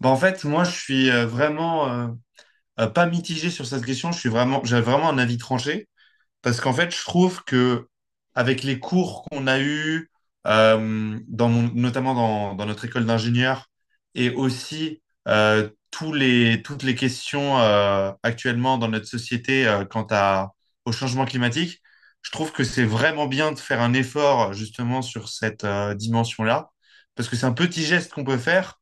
Moi, je suis vraiment pas mitigé sur cette question. Je suis vraiment, j'ai vraiment un avis tranché. Parce qu'en fait, je trouve que avec les cours qu'on a eus, dans notamment dans notre école d'ingénieur, et aussi tous les, toutes les questions actuellement dans notre société quant à, au changement climatique, je trouve que c'est vraiment bien de faire un effort justement sur cette dimension-là, parce que c'est un petit geste qu'on peut faire.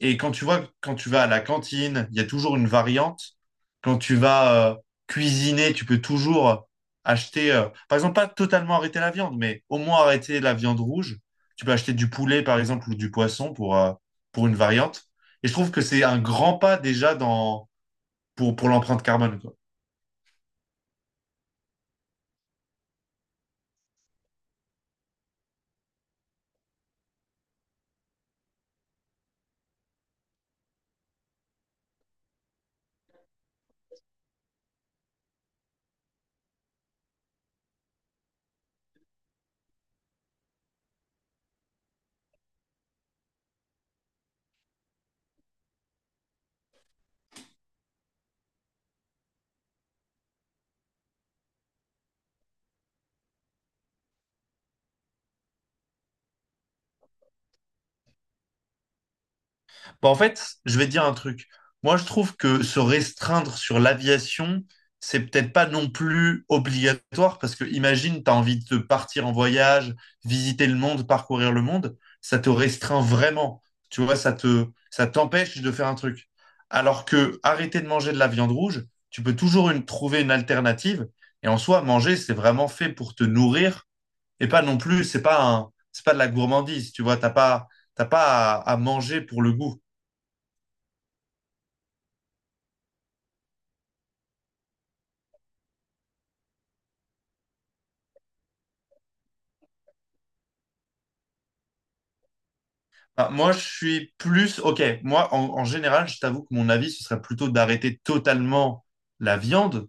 Et quand tu vois, quand tu vas à la cantine, il y a toujours une variante. Quand tu vas cuisiner, tu peux toujours acheter, par exemple, pas totalement arrêter la viande, mais au moins arrêter la viande rouge. Tu peux acheter du poulet, par exemple, ou du poisson pour une variante. Et je trouve que c'est un grand pas déjà pour l'empreinte carbone, quoi. Bah, en fait, je vais te dire un truc. Moi, je trouve que se restreindre sur l'aviation, c'est peut-être pas non plus obligatoire parce que imagine, tu as envie de partir en voyage, visiter le monde, parcourir le monde, ça te restreint vraiment. Tu vois, ça t'empêche de faire un truc. Alors que arrêter de manger de la viande rouge, tu peux toujours trouver une alternative. Et en soi, manger, c'est vraiment fait pour te nourrir et pas non plus, c'est pas de la gourmandise. Tu vois, t'as pas à manger pour le goût. Ah, moi, je suis plus... Ok, moi, en, en général, je t'avoue que mon avis, ce serait plutôt d'arrêter totalement la viande.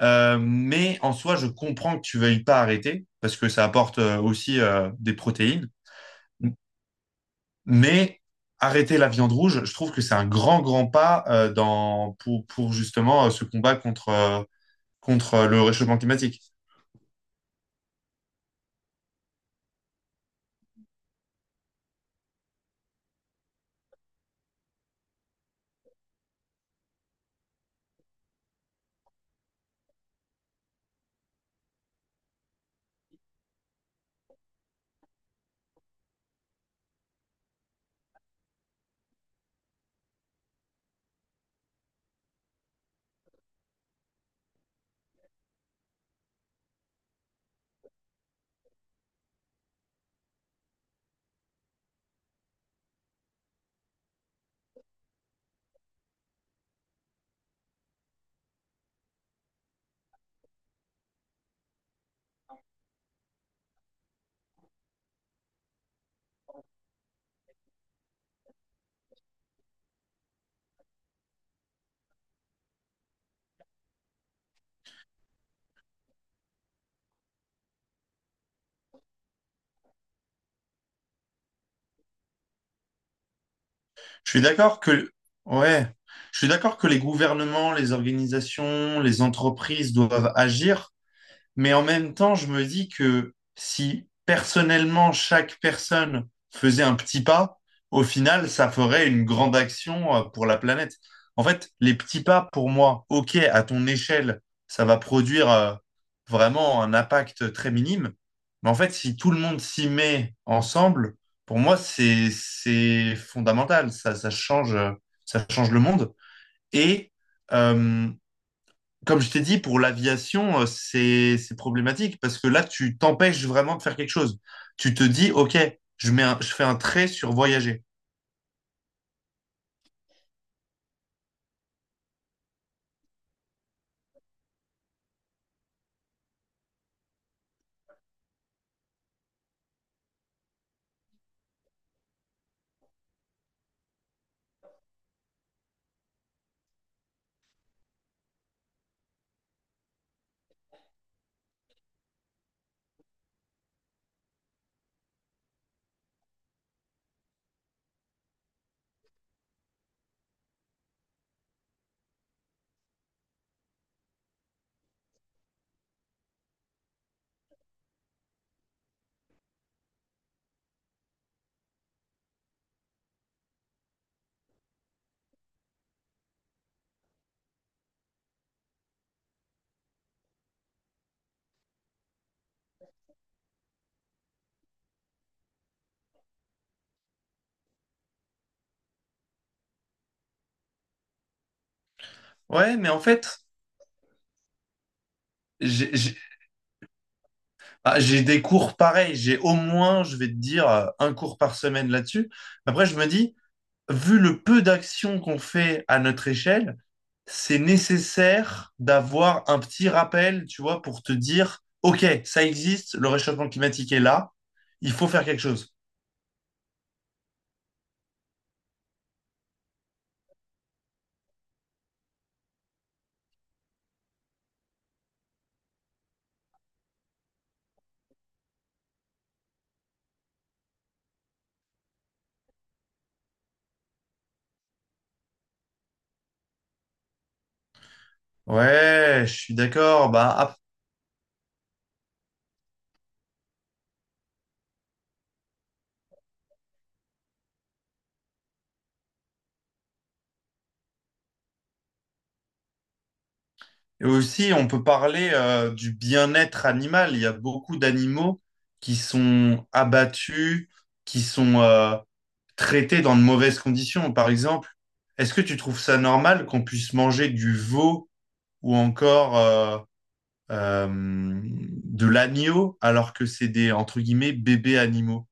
Mais en soi, je comprends que tu veuilles pas arrêter, parce que ça apporte aussi des protéines. Mais arrêter la viande rouge, je trouve que c'est un grand, grand pas dans, pour justement ce combat contre, contre le réchauffement climatique. Je suis d'accord que, ouais, je suis d'accord que les gouvernements, les organisations, les entreprises doivent agir, mais en même temps, je me dis que si personnellement chaque personne faisait un petit pas, au final, ça ferait une grande action pour la planète. En fait, les petits pas, pour moi, ok, à ton échelle, ça va produire vraiment un impact très minime. Mais en fait, si tout le monde s'y met ensemble, pour moi, c'est fondamental. Ça, ça change le monde. Et euh, comme je t'ai dit, pour l'aviation, c'est problématique parce que là, tu t'empêches vraiment de faire quelque chose. Tu te dis, OK, je je fais un trait sur voyager. Ouais, mais en fait, j'ai j'ai- j'ai des cours pareils. J'ai au moins, je vais te dire, un cours par semaine là-dessus. Après, je me dis, vu le peu d'actions qu'on fait à notre échelle, c'est nécessaire d'avoir un petit rappel, tu vois, pour te dire, OK, ça existe, le réchauffement climatique est là, il faut faire quelque chose. Ouais, je suis d'accord. Et aussi, on peut parler du bien-être animal. Il y a beaucoup d'animaux qui sont abattus, qui sont traités dans de mauvaises conditions. Par exemple, est-ce que tu trouves ça normal qu'on puisse manger du veau ou encore de l'agneau alors que c'est des, entre guillemets, bébés animaux?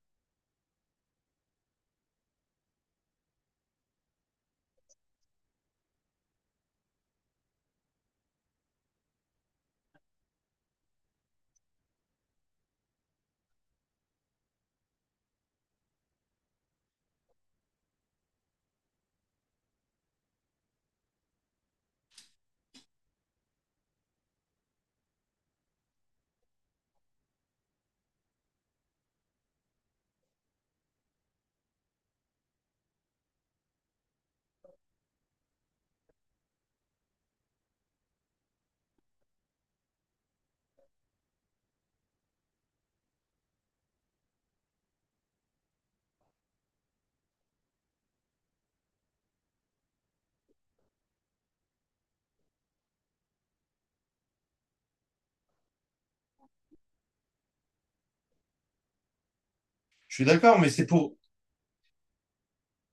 Je suis d'accord, mais c'est pour,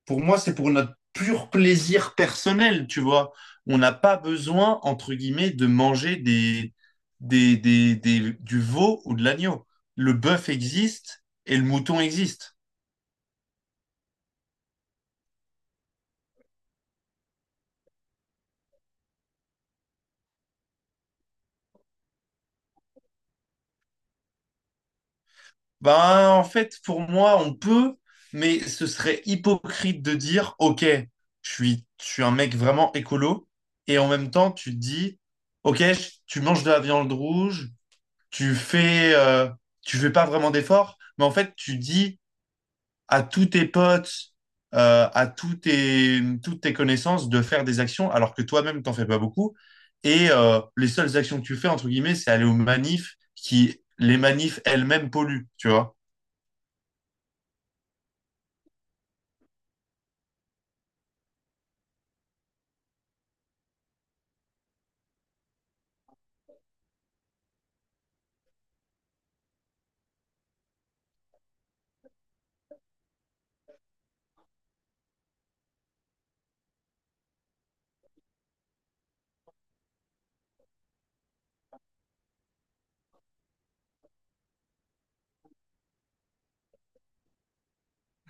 Pour moi, c'est pour notre pur plaisir personnel, tu vois. On n'a pas besoin, entre guillemets, de manger des- du veau ou de l'agneau. Le bœuf existe et le mouton existe. Ben, en fait, pour moi, on peut, mais ce serait hypocrite de dire, OK, je suis un mec vraiment écolo, et en même temps, tu te dis, OK, tu manges de la viande rouge, tu fais, euh, tu fais pas vraiment d'efforts, mais en fait, tu dis à tous tes potes, à tous toutes tes connaissances de faire des actions alors que toi-même, t'en fais pas beaucoup. Et les seules actions que tu fais, entre guillemets, c'est aller aux manifs qui, les manifs elles-mêmes polluent, tu vois.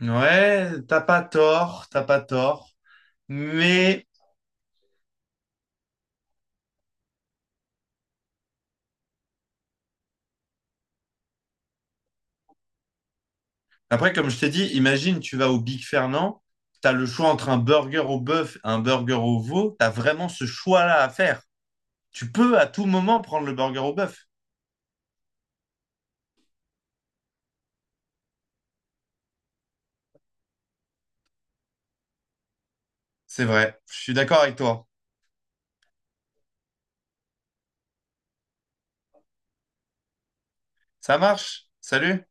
Ouais, t'as pas tort, t'as pas tort. Mais après, comme je t'ai dit, imagine, tu vas au Big Fernand, t'as le choix entre un burger au bœuf et un burger au veau, t'as vraiment ce choix-là à faire. Tu peux à tout moment prendre le burger au bœuf. C'est vrai, je suis d'accord avec toi. Ça marche. Salut.